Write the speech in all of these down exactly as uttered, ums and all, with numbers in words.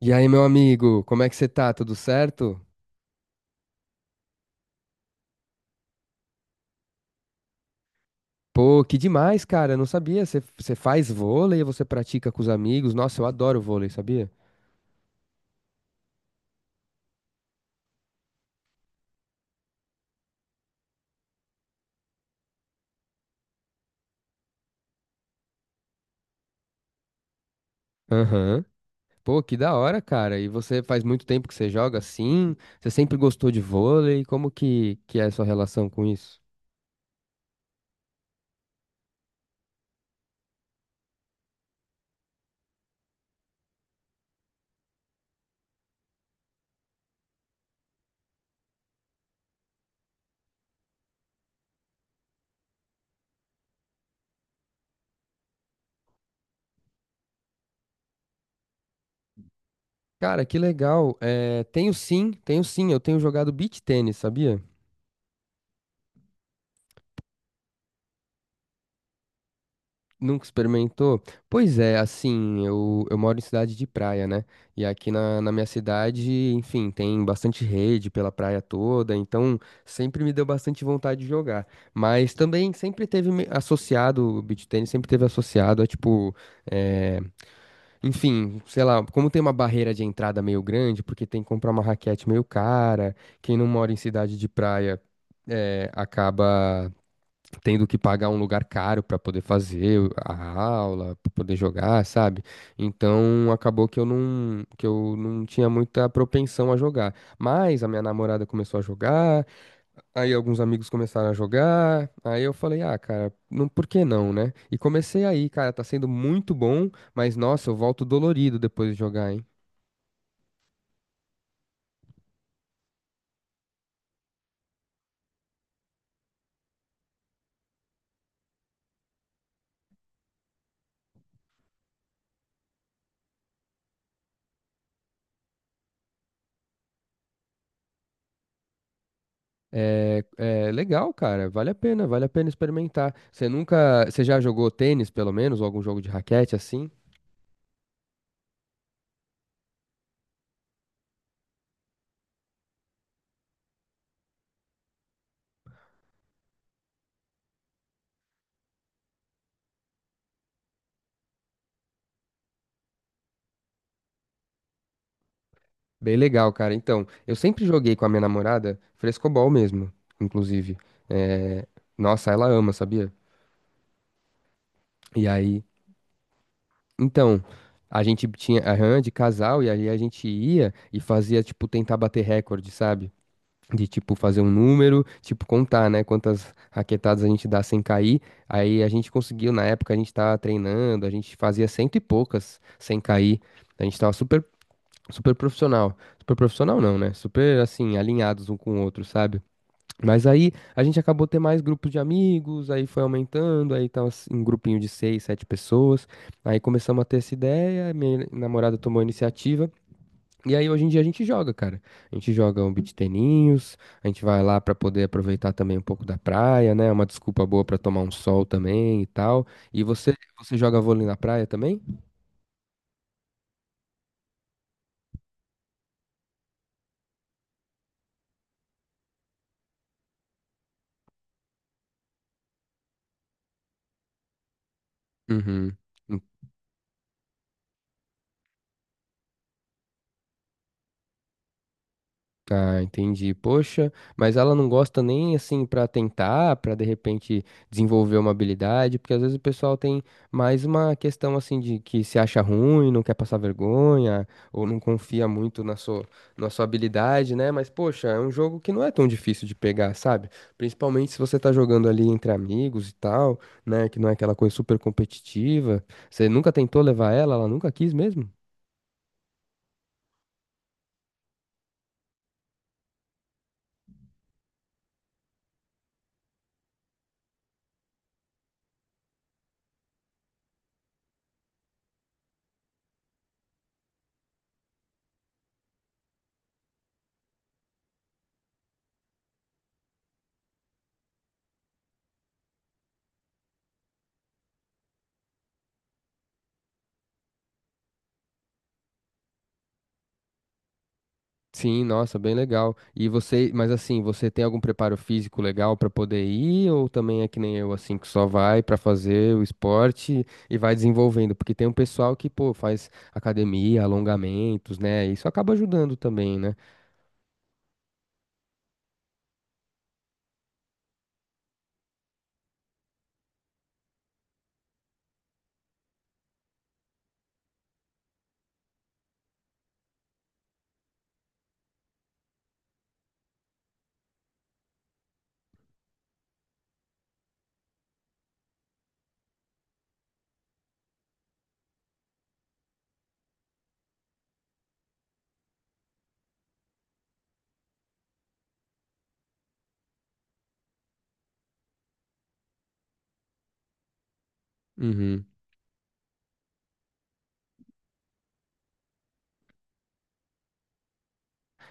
E aí, meu amigo, como é que você tá? Tudo certo? Pô, que demais, cara. Eu não sabia. Você você faz vôlei, você pratica com os amigos. Nossa, eu adoro vôlei, sabia? Aham. Pô, que da hora, cara. E você faz muito tempo que você joga assim? Você sempre gostou de vôlei? Como que, que é a sua relação com isso? Cara, que legal. É, tenho sim, tenho sim. Eu tenho jogado beach tênis, sabia? Nunca experimentou? Pois é, assim, eu, eu moro em cidade de praia, né? E aqui na, na minha cidade, enfim, tem bastante rede pela praia toda, então sempre me deu bastante vontade de jogar. Mas também sempre teve me- associado. O beach tennis sempre teve associado a tipo, é, enfim, sei lá, como tem uma barreira de entrada meio grande, porque tem que comprar uma raquete meio cara, quem não mora em cidade de praia. É, acaba tendo que pagar um lugar caro para poder fazer a aula, para poder jogar, sabe? Então acabou que eu não que eu não tinha muita propensão a jogar. Mas a minha namorada começou a jogar, aí alguns amigos começaram a jogar, aí eu falei: "Ah, cara, não, por que não, né?" E comecei aí, cara, tá sendo muito bom, mas nossa, eu volto dolorido depois de jogar, hein? É, é legal, cara. Vale a pena, vale a pena experimentar. Você nunca, você já jogou tênis, pelo menos, ou algum jogo de raquete assim? Bem legal, cara. Então, eu sempre joguei com a minha namorada frescobol mesmo, inclusive. É, nossa, ela ama, sabia? E aí, então, a gente tinha, aham, de casal e aí a gente ia e fazia, tipo, tentar bater recorde, sabe? De, tipo, fazer um número, tipo, contar, né? Quantas raquetadas a gente dá sem cair. Aí a gente conseguiu, na época a gente tava treinando, a gente fazia cento e poucas sem cair. A gente tava super, super profissional. Super profissional não, né? Super, assim, alinhados um com o outro, sabe? Mas aí a gente acabou ter mais grupos de amigos, aí foi aumentando, aí tava s- um grupinho de seis, sete pessoas. Aí começamos a ter essa ideia, minha namorada tomou a iniciativa. E aí hoje em dia a gente joga, cara. A gente joga um beach teninhos, a gente vai lá pra poder aproveitar também um pouco da praia, né? É uma desculpa boa pra tomar um sol também e tal. E você, você joga vôlei na praia também? Uhum. Ah, entendi. Poxa, mas ela não gosta nem assim pra tentar, pra de repente desenvolver uma habilidade, porque às vezes o pessoal tem mais uma questão assim de que se acha ruim, não quer passar vergonha, ou não confia muito na sua, na sua habilidade, né? Mas poxa, é um jogo que não é tão difícil de pegar, sabe? Principalmente se você tá jogando ali entre amigos e tal, né? Que não é aquela coisa super competitiva. Você nunca tentou levar ela, ela nunca quis mesmo? Sim, nossa, bem legal. E você, mas assim, você tem algum preparo físico legal pra poder ir ou também é que nem eu assim que só vai pra fazer o esporte e vai desenvolvendo? Porque tem um pessoal que, pô, faz academia, alongamentos, né? Isso acaba ajudando também, né? Uhum.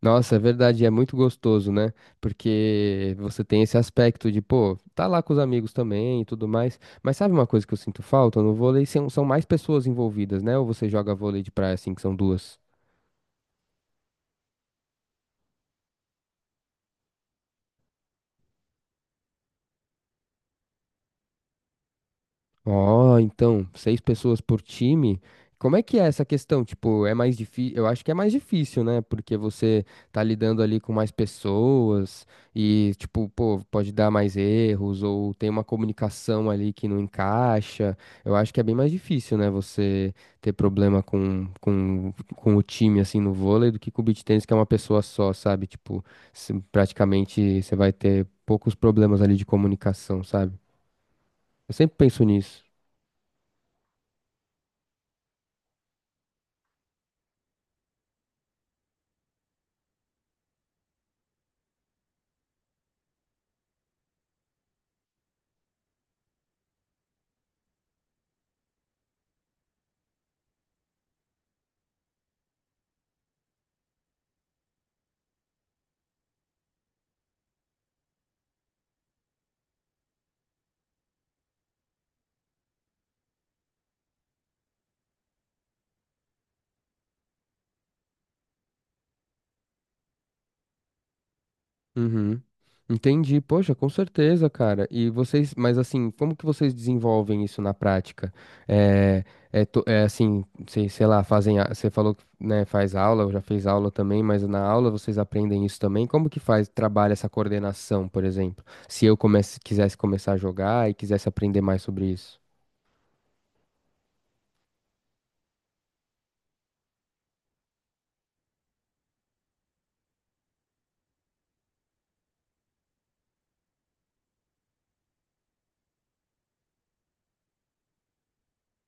Nossa, é verdade, é muito gostoso, né? Porque você tem esse aspecto de, pô, tá lá com os amigos também e tudo mais. Mas sabe uma coisa que eu sinto falta no vôlei? São, são mais pessoas envolvidas, né? Ou você joga vôlei de praia assim, que são duas? Ó, então, seis pessoas por time. Como é que é essa questão? Tipo, é mais difícil. Eu acho que é mais difícil, né? Porque você tá lidando ali com mais pessoas e, tipo, pô, pode dar mais erros ou tem uma comunicação ali que não encaixa. Eu acho que é bem mais difícil, né? Você ter problema com, com, com o time, assim, no vôlei do que com o beach tennis, que é uma pessoa só, sabe? Tipo, se- praticamente você vai ter poucos problemas ali de comunicação, sabe? Eu sempre penso nisso. Uhum. Entendi, poxa, com certeza, cara. E vocês, mas assim, como que vocês desenvolvem isso na prática? É, é, to- é assim, sei, sei lá, fazem, a- você falou que, né, faz aula, já fez aula também, mas na aula vocês aprendem isso também? Como que faz, trabalha essa coordenação, por exemplo? Se eu comece, quisesse começar a jogar e quisesse aprender mais sobre isso.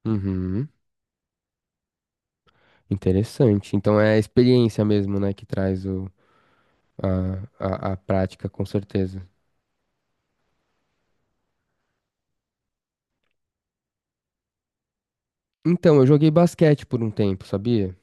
Uhum. Interessante. Então é a experiência mesmo, né, que traz o, a, a, a prática, com certeza. Então, eu joguei basquete por um tempo, sabia?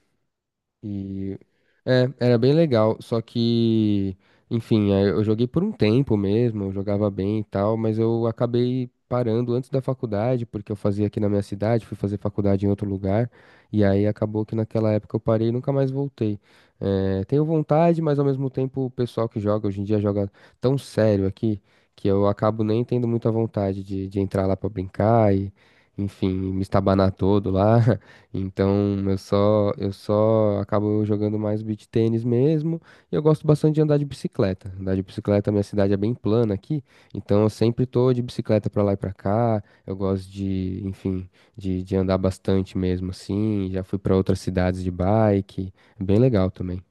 E é, era bem legal, só que, enfim, aí eu joguei por um tempo mesmo, eu jogava bem e tal, mas eu acabei parando antes da faculdade, porque eu fazia aqui na minha cidade, fui fazer faculdade em outro lugar, e aí acabou que naquela época eu parei e nunca mais voltei. É, tenho vontade, mas ao mesmo tempo o pessoal que joga hoje em dia joga tão sério aqui que eu acabo nem tendo muita vontade de, de entrar lá pra brincar e, enfim, me estabanar todo lá. Então, eu só eu só acabo jogando mais beach tênis mesmo, e eu gosto bastante de andar de bicicleta. Andar de bicicleta, minha cidade é bem plana aqui, então eu sempre tô de bicicleta pra lá e pra cá. Eu gosto de, enfim, de, de andar bastante mesmo assim. Já fui pra outras cidades de bike, é bem legal também.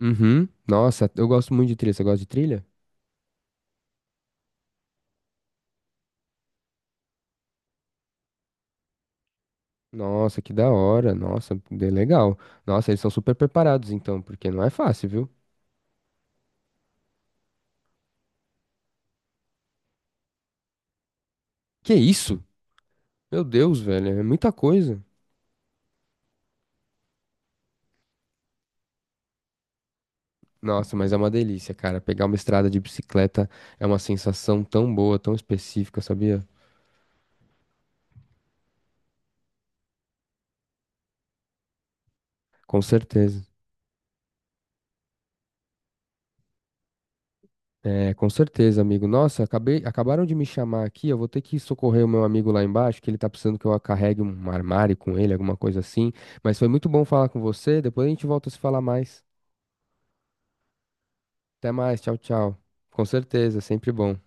Uhum. Nossa, eu gosto muito de trilha. Você gosta de trilha? Nossa, que da hora. Nossa, bem legal. Nossa, eles são super preparados então, porque não é fácil, viu? Que isso? Meu Deus, velho, é muita coisa. Nossa, mas é uma delícia, cara. Pegar uma estrada de bicicleta é uma sensação tão boa, tão específica, sabia? Com certeza. É, com certeza, amigo. Nossa, acabei, acabaram de me chamar aqui. Eu vou ter que socorrer o meu amigo lá embaixo, que ele tá precisando que eu carregue um armário com ele, alguma coisa assim. Mas foi muito bom falar com você. Depois a gente volta a se falar mais. Até mais. Tchau, tchau. Com certeza, sempre bom.